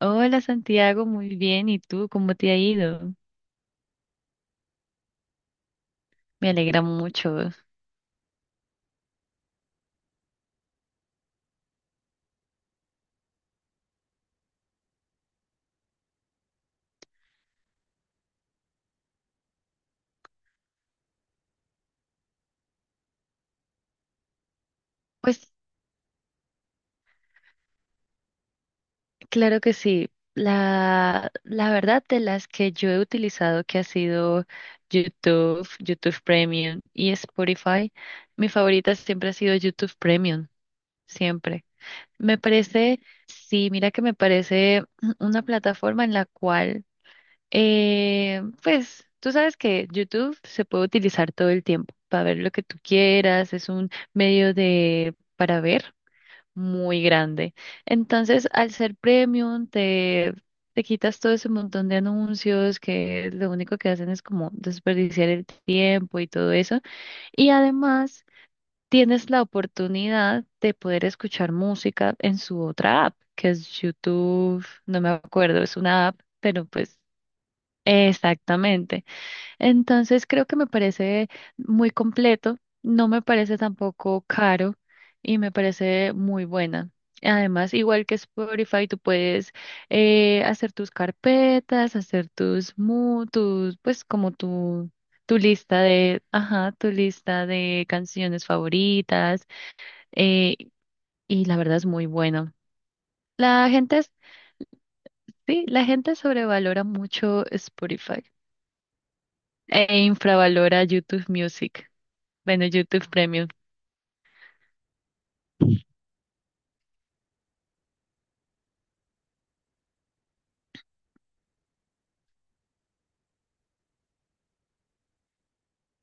Hola Santiago, muy bien. ¿Y tú cómo te ha ido? Me alegra mucho. Pues claro que sí. La verdad de las que yo he utilizado, que ha sido YouTube, YouTube Premium y Spotify, mi favorita siempre ha sido YouTube Premium, siempre. Me parece, sí, mira que me parece una plataforma en la cual pues tú sabes que YouTube se puede utilizar todo el tiempo para ver lo que tú quieras, es un medio de para ver muy grande. Entonces, al ser premium, te quitas todo ese montón de anuncios que lo único que hacen es como desperdiciar el tiempo y todo eso. Y además, tienes la oportunidad de poder escuchar música en su otra app, que es YouTube, no me acuerdo, es una app, pero pues exactamente. Entonces creo que me parece muy completo, no me parece tampoco caro y me parece muy buena. Además, igual que Spotify, tú puedes hacer tus carpetas, hacer tus, mu- tus, pues como tu lista de, ajá, tu lista de canciones favoritas eh, y la verdad es muy bueno. La gente, es- sí, la gente sobrevalora mucho Spotify. E infravalora YouTube Music. Bueno, YouTube Premium.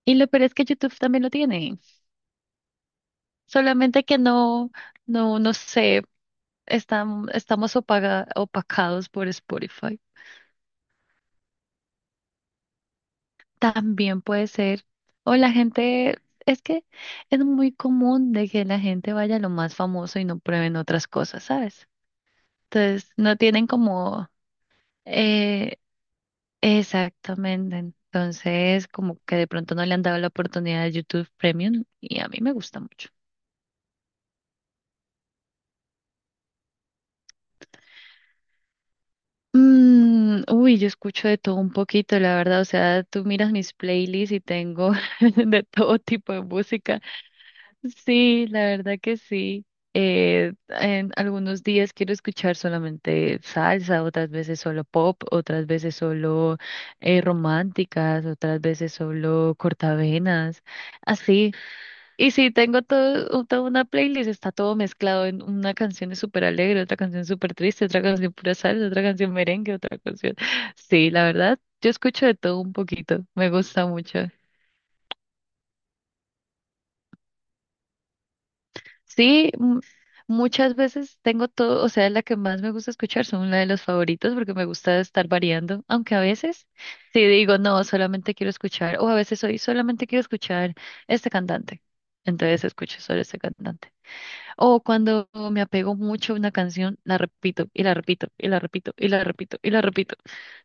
Y lo peor es que YouTube también lo tiene. Solamente que no sé, estamos opacados por Spotify. También puede ser. O la gente, es que es muy común de que la gente vaya a lo más famoso y no prueben otras cosas, ¿sabes? Entonces, no tienen como eh, exactamente. Entonces, como que de pronto no le han dado la oportunidad a YouTube Premium y a mí me gusta mucho. Yo escucho de todo un poquito, la verdad. O sea, tú miras mis playlists y tengo de todo tipo de música. Sí, la verdad que sí. En algunos días quiero escuchar solamente salsa, otras veces solo pop, otras veces solo románticas, otras veces solo cortavenas. Así. Y sí, tengo todo, toda una playlist, está todo mezclado en una canción es súper alegre, otra canción es súper triste, otra canción pura salsa, otra canción merengue, otra canción. Sí, la verdad, yo escucho de todo un poquito, me gusta mucho. Sí, muchas veces tengo todo, o sea, la que más me gusta escuchar son una de los favoritos porque me gusta estar variando, aunque a veces sí digo, no, solamente quiero escuchar, o a veces hoy solamente quiero escuchar este cantante. Entonces escucho solo este cantante. O cuando me apego mucho a una canción, la repito y la repito y la repito y la repito y la repito.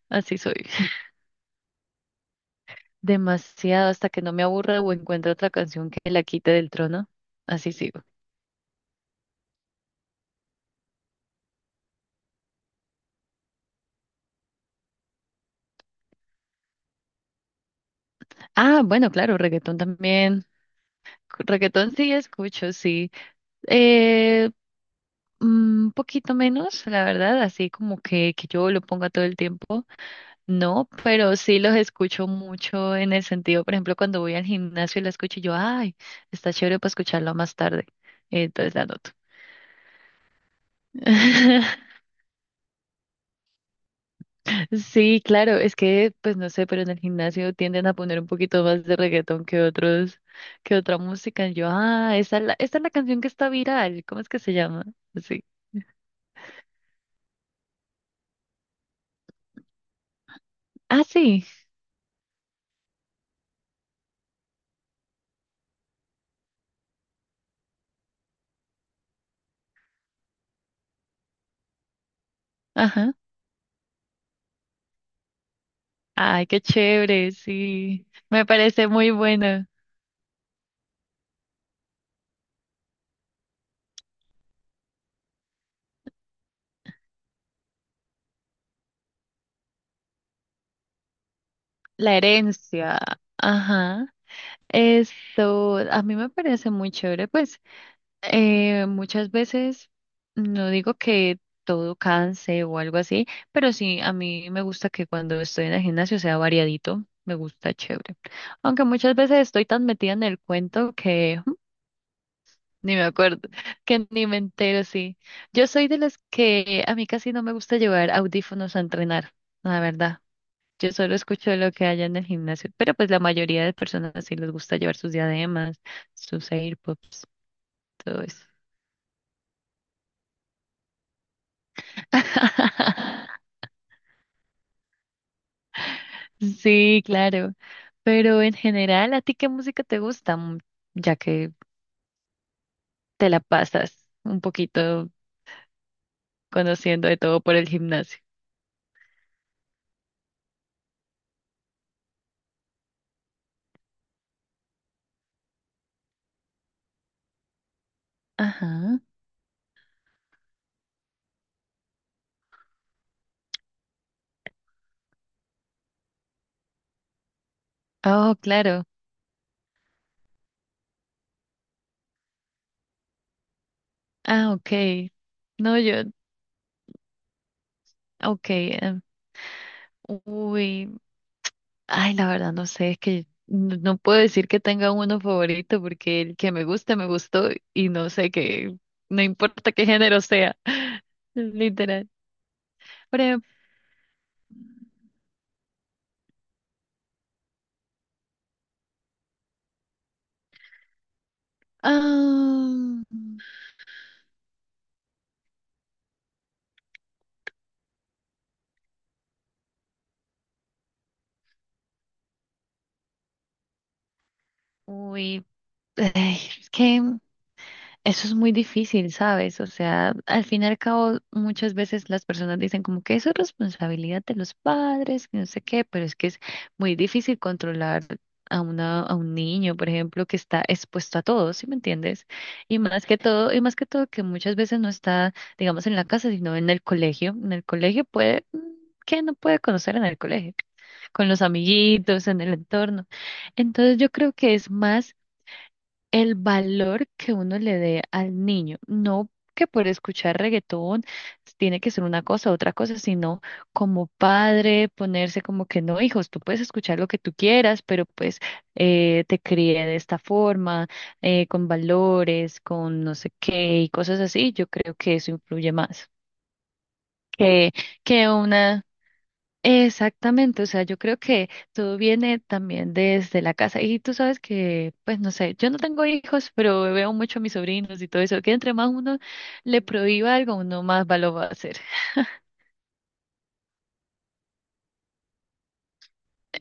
Así soy. Demasiado hasta que no me aburra o encuentre otra canción que la quite del trono. Así sigo. Ah, bueno, claro, reggaetón también. Reggaetón sí escucho, sí. Eh, un poquito menos, la verdad, así como que yo lo ponga todo el tiempo. No, pero sí los escucho mucho en el sentido, por ejemplo, cuando voy al gimnasio y la escucho, y yo, ay, está chévere para escucharla más tarde. Entonces la anoto. Sí, claro, es que, pues no sé, pero en el gimnasio tienden a poner un poquito más de reggaetón que otros, que otra música. Y yo, ah, esa es esta es la canción que está viral. ¿Cómo es que se llama? Sí. Ah, sí. Ajá. Ay, qué chévere, sí. Me parece muy buena. La herencia. Ajá. Esto a mí me parece muy chévere, pues muchas veces no digo que todo canse o algo así, pero sí a mí me gusta que cuando estoy en el gimnasio sea variadito, me gusta chévere. Aunque muchas veces estoy tan metida en el cuento que ni me acuerdo, que ni me entero, sí. Yo soy de las que a mí casi no me gusta llevar audífonos a entrenar, la verdad. Yo solo escucho lo que haya en el gimnasio, pero pues la mayoría de personas sí les gusta llevar sus diademas, sus AirPods, todo eso. Sí, claro. Pero en general, ¿a ti qué música te gusta? Ya que te la pasas un poquito conociendo de todo por el gimnasio. Ajá. Oh, claro. Ah, ok. No, yo, ok. Uy. Ay, la verdad no sé, es que no puedo decir que tenga uno favorito porque el que me gusta, me gustó y no sé qué, no importa qué género sea, literal. Por ejemplo, ah, uy, ay, es que eso es muy difícil, ¿sabes? O sea, al fin y al cabo, muchas veces las personas dicen como que eso es responsabilidad de los padres, que no sé qué, pero es que es muy difícil controlar a un niño, por ejemplo, que está expuesto a todo, ¿sí me entiendes? Y más que todo, y más que todo que muchas veces no está, digamos, en la casa, sino en el colegio. En el colegio puede, ¿qué no puede conocer en el colegio? Con los amiguitos, en el entorno. Entonces yo creo que es más el valor que uno le dé al niño, no que por escuchar reggaetón tiene que ser una cosa, otra cosa, sino como padre ponerse como que no, hijos, tú puedes escuchar lo que tú quieras, pero pues te crié de esta forma, con valores, con no sé qué y cosas así, yo creo que eso influye más que, que una... Exactamente, o sea, yo creo que todo viene también desde la casa. Y tú sabes que, pues no sé, yo no tengo hijos, pero veo mucho a mis sobrinos y todo eso, que entre más uno le prohíba algo, uno más va lo va a hacer.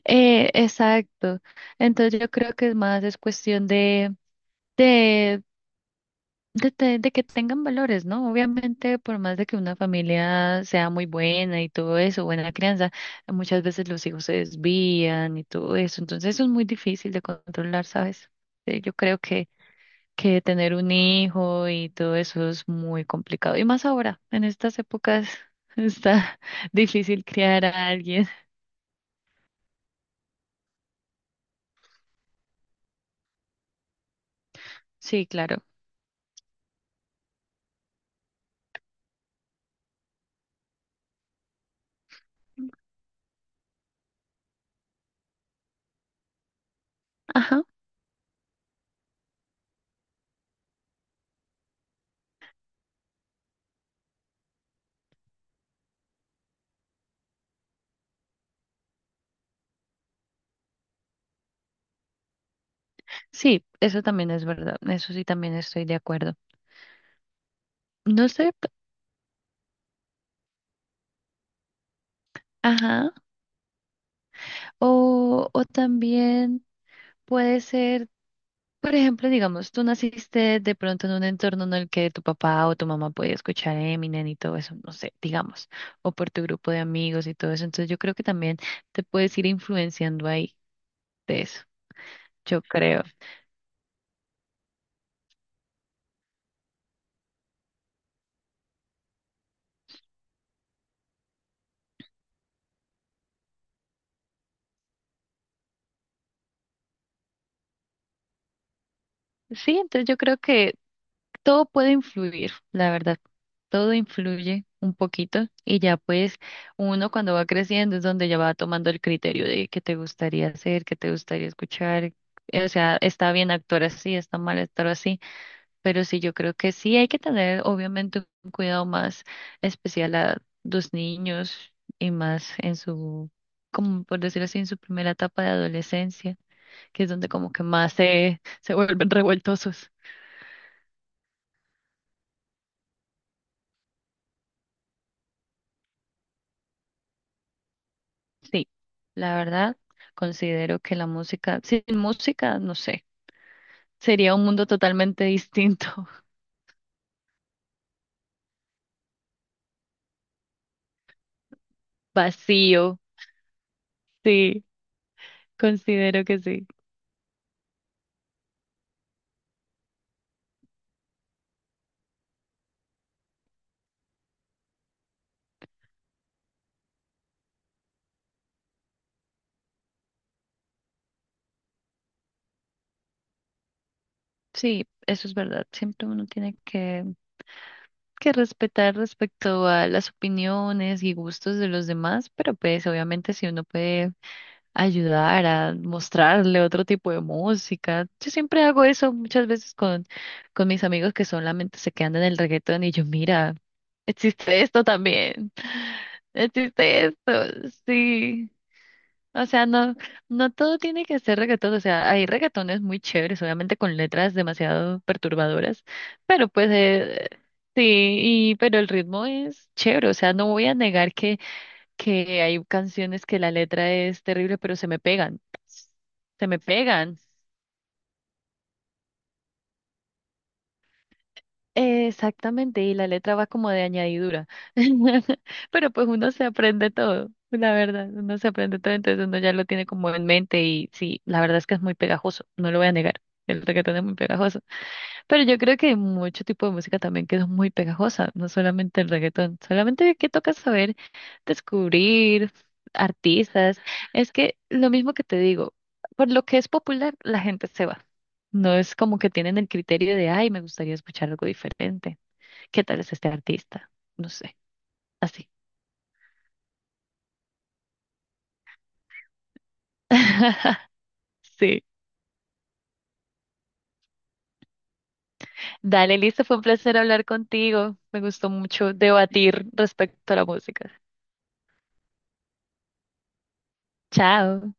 Exacto. Entonces yo creo que es más es cuestión de de, de que tengan valores, ¿no? Obviamente, por más de que una familia sea muy buena y todo eso, buena crianza, muchas veces los hijos se desvían y todo eso. Entonces, eso es muy difícil de controlar, ¿sabes? Yo creo que tener un hijo y todo eso es muy complicado. Y más ahora, en estas épocas, está difícil criar a alguien. Sí, claro. Ajá. Sí, eso también es verdad. Eso sí, también estoy de acuerdo. No sé, ajá. O también. Puede ser, por ejemplo, digamos, tú naciste de pronto en un entorno en el que tu papá o tu mamá podía escuchar Eminem y todo eso, no sé, digamos, o por tu grupo de amigos y todo eso. Entonces yo creo que también te puedes ir influenciando ahí de eso, yo creo. Sí, entonces yo creo que todo puede influir, la verdad. Todo influye un poquito y ya pues uno cuando va creciendo es donde ya va tomando el criterio de qué te gustaría hacer, qué te gustaría escuchar. O sea, está bien actuar así, está mal actuar así. Pero sí, yo creo que sí hay que tener, obviamente, un cuidado más especial a los niños y más en su, como por decirlo así, en su primera etapa de adolescencia, que es donde como que más se vuelven revueltosos. Sí, la verdad, considero que la música, sin música, no sé, sería un mundo totalmente distinto, vacío. Sí, considero que sí. Sí, eso es verdad. Siempre uno tiene que respetar respecto a las opiniones y gustos de los demás, pero pues obviamente si uno puede ayudar a mostrarle otro tipo de música, yo siempre hago eso muchas veces con mis amigos que solamente se quedan en el reggaetón y yo, mira, existe esto también, existe esto, sí. O sea, no, no todo tiene que ser reggaetón. O sea, hay reggaetones muy chéveres, obviamente con letras demasiado perturbadoras, pero pues sí, pero el ritmo es chévere. O sea, no voy a negar que hay canciones que la letra es terrible, pero se me pegan. Se me pegan. Exactamente, y la letra va como de añadidura. Pero pues uno se aprende todo, la verdad, uno se aprende todo, entonces uno ya lo tiene como en mente y sí, la verdad es que es muy pegajoso, no lo voy a negar, el reggaetón es muy pegajoso. Pero yo creo que hay mucho tipo de música también que es muy pegajosa, no solamente el reggaetón, solamente que toca saber descubrir artistas. Es que lo mismo que te digo, por lo que es popular, la gente se va. No es como que tienen el criterio de, ay, me gustaría escuchar algo diferente. ¿Qué tal es este artista? No sé, así. Sí. Dale, listo, fue un placer hablar contigo. Me gustó mucho debatir respecto a la música. Chao.